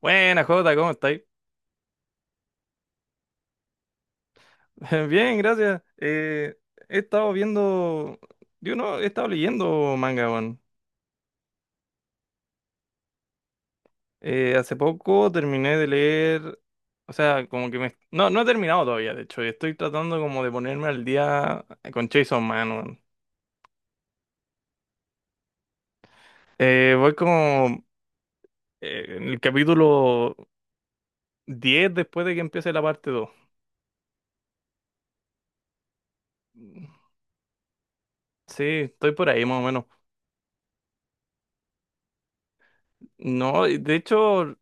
Buena, Jota, ¿cómo estáis? Bien, gracias. He estado viendo, yo no, he estado leyendo manga, weón. Hace poco terminé de leer, o sea, como que me... No, no he terminado todavía, de hecho, y estoy tratando como de ponerme al día con Chainsaw Man, weón. Voy como en el capítulo 10 después de que empiece la parte 2. Sí, estoy por ahí más o menos. No, y de hecho...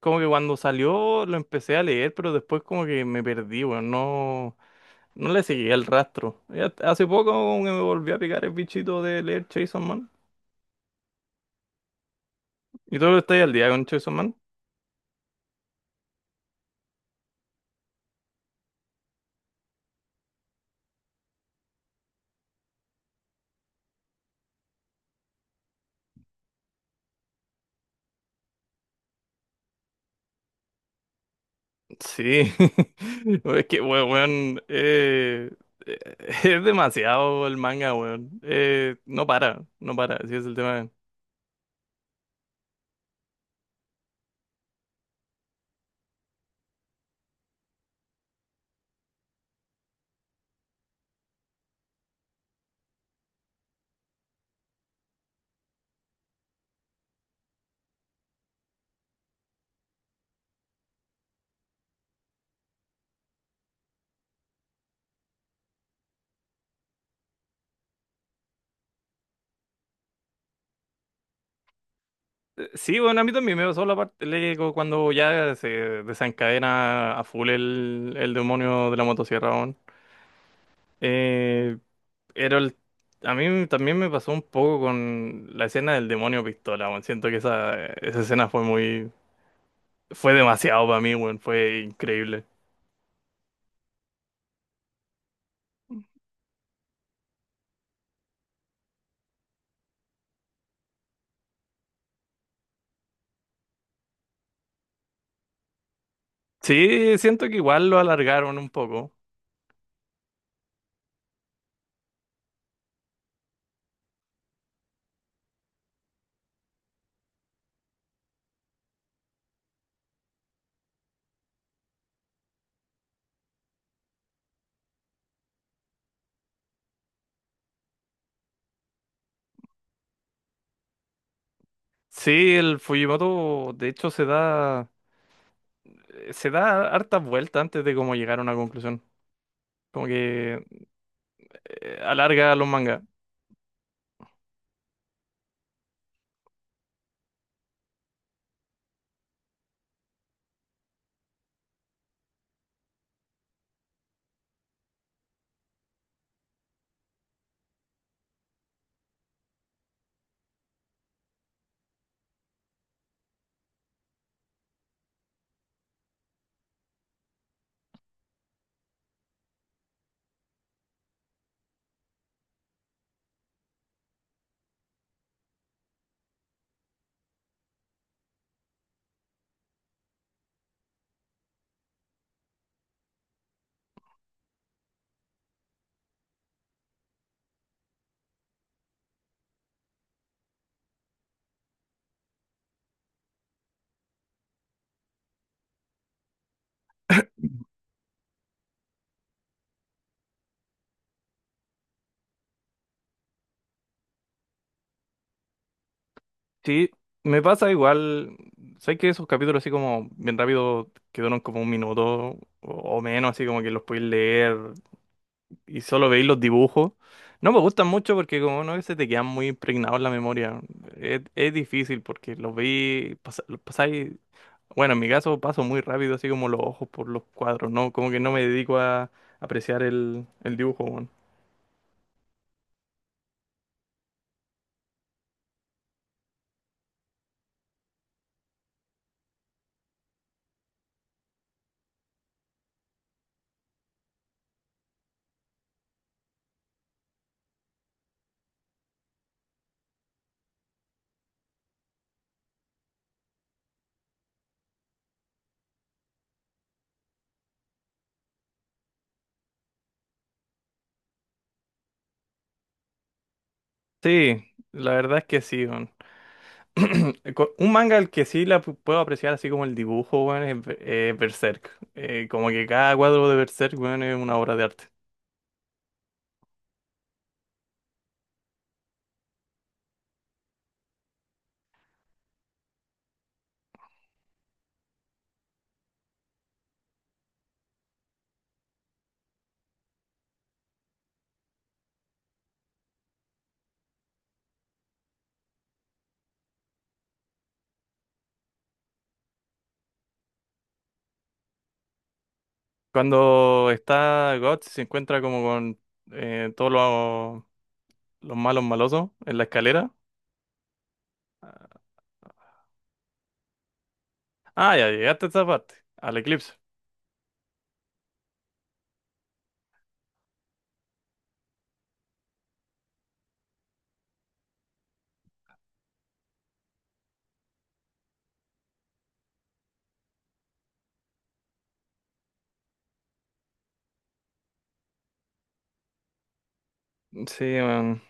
Como que cuando salió lo empecé a leer, pero después como que me perdí, weón. No, no le seguí el rastro. Hace poco como que me volví a picar el bichito de leer Chainsaw Man. ¿Y tú estás al día con Chainsaw Man? Sí. Es que, weón, eh, es demasiado el manga, weón. No para, no para, así es el tema. Sí, bueno, a mí también me pasó la parte le- co- cuando ya se desencadena a full el demonio de la motosierra, weón. Eh, Pero el- a mí también me pasó un poco con la escena del demonio pistola, weón. Siento que esa escena fue muy... Fue demasiado para mí, weón. Fue increíble. Sí, siento que igual lo alargaron un poco. Sí, el Fujimoto, de hecho, se da... Se da hartas vueltas antes de como llegar a una conclusión. Como que alarga los mangas. Sí, me pasa igual. Sé que esos capítulos así como bien rápido que duran como un minuto o menos, ¿así como que los podéis leer? Y solo veis los dibujos. No me gustan mucho porque como no se te quedan muy impregnados en la memoria. Es difícil porque los veis, los pasáis, bueno, en mi caso paso muy rápido así como los ojos por los cuadros, ¿no? Como que no me dedico a apreciar el dibujo, weón. Sí, la verdad es que sí, weón. Un manga al que puedo apreciar así como el dibujo, weón, es Berserk. Como que cada cuadro de Berserk, weón, es una obra de arte. Cuando está Guts, se encuentra como con todos los malos malosos en la escalera. Ah, ya llegaste a esa parte, al eclipse. Sí, man.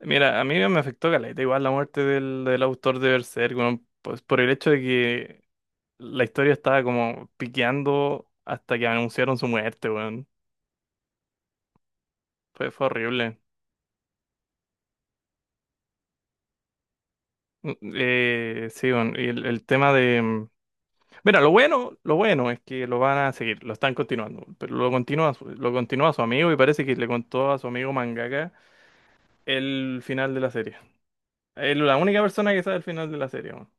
Mira, a mí me afectó caleta igual la muerte del autor de Berserk, weón, pues por el hecho de que la historia estaba como piqueando hasta que anunciaron su muerte, weón. Fue, fue horrible. Mm, sí, weón, y Mira, lo bueno es que lo van a seguir, lo están continuando, pero lo continúa su amigo y parece que le contó a su amigo mangaka el final de la serie. Es la única persona que sabe el final de la serie. Weón.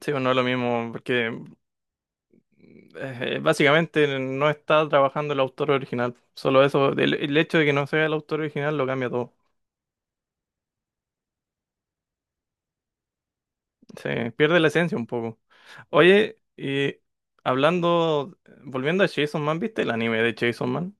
Sí, bueno, no es lo mismo, porque básicamente no está trabajando el autor original. Solo eso, el hecho de que no sea el autor original lo cambia todo. Se pierde la esencia un poco. Oye, y hablando, volviendo a Chainsaw Man, ¿viste el anime de Chainsaw Man?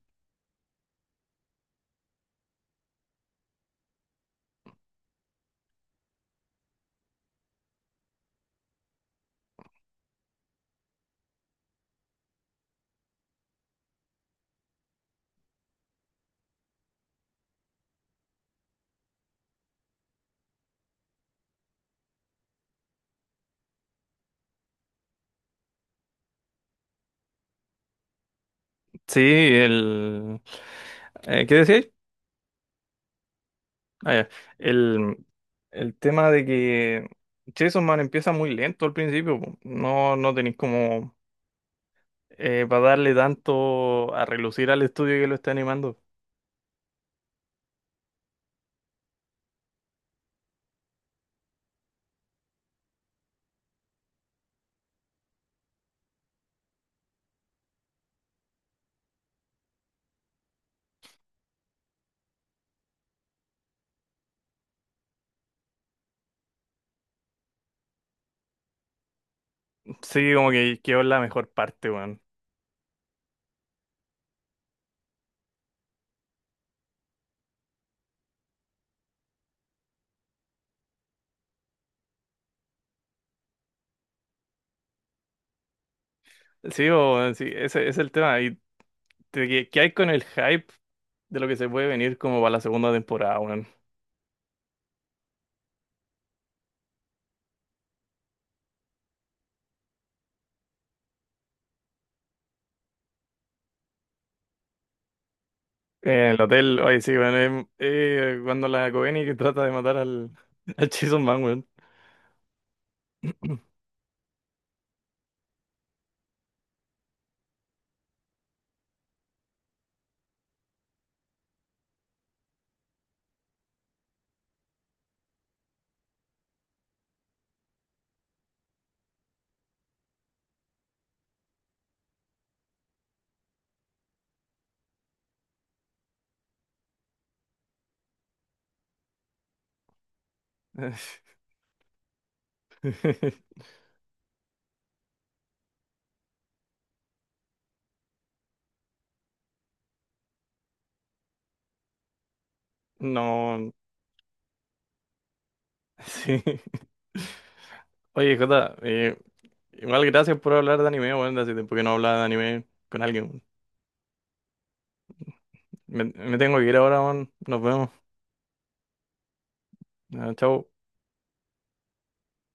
Sí, el... ¿qué decíais? Ah, ya. El, el tema de que Chainsaw Man empieza muy lento al principio. Po. No, no tenéis como para darle tanto a relucir al estudio que lo está animando. Sí, como que quedó en la mejor parte, weón. Sí, sí, ese es el tema. Y de que, ¿qué hay con el hype de lo que se puede venir como para la segunda temporada, weón? El hotel, oye, sí, weón. Cuando la Coveney que trata de matar al Chainsaw Man, weón. No, sí. Oye, Jota, igual gracias por hablar de anime, weón. Hace tiempo que no hablaba de anime con alguien. Me tengo que ir ahora, weón. Nos vemos. Ah, chao.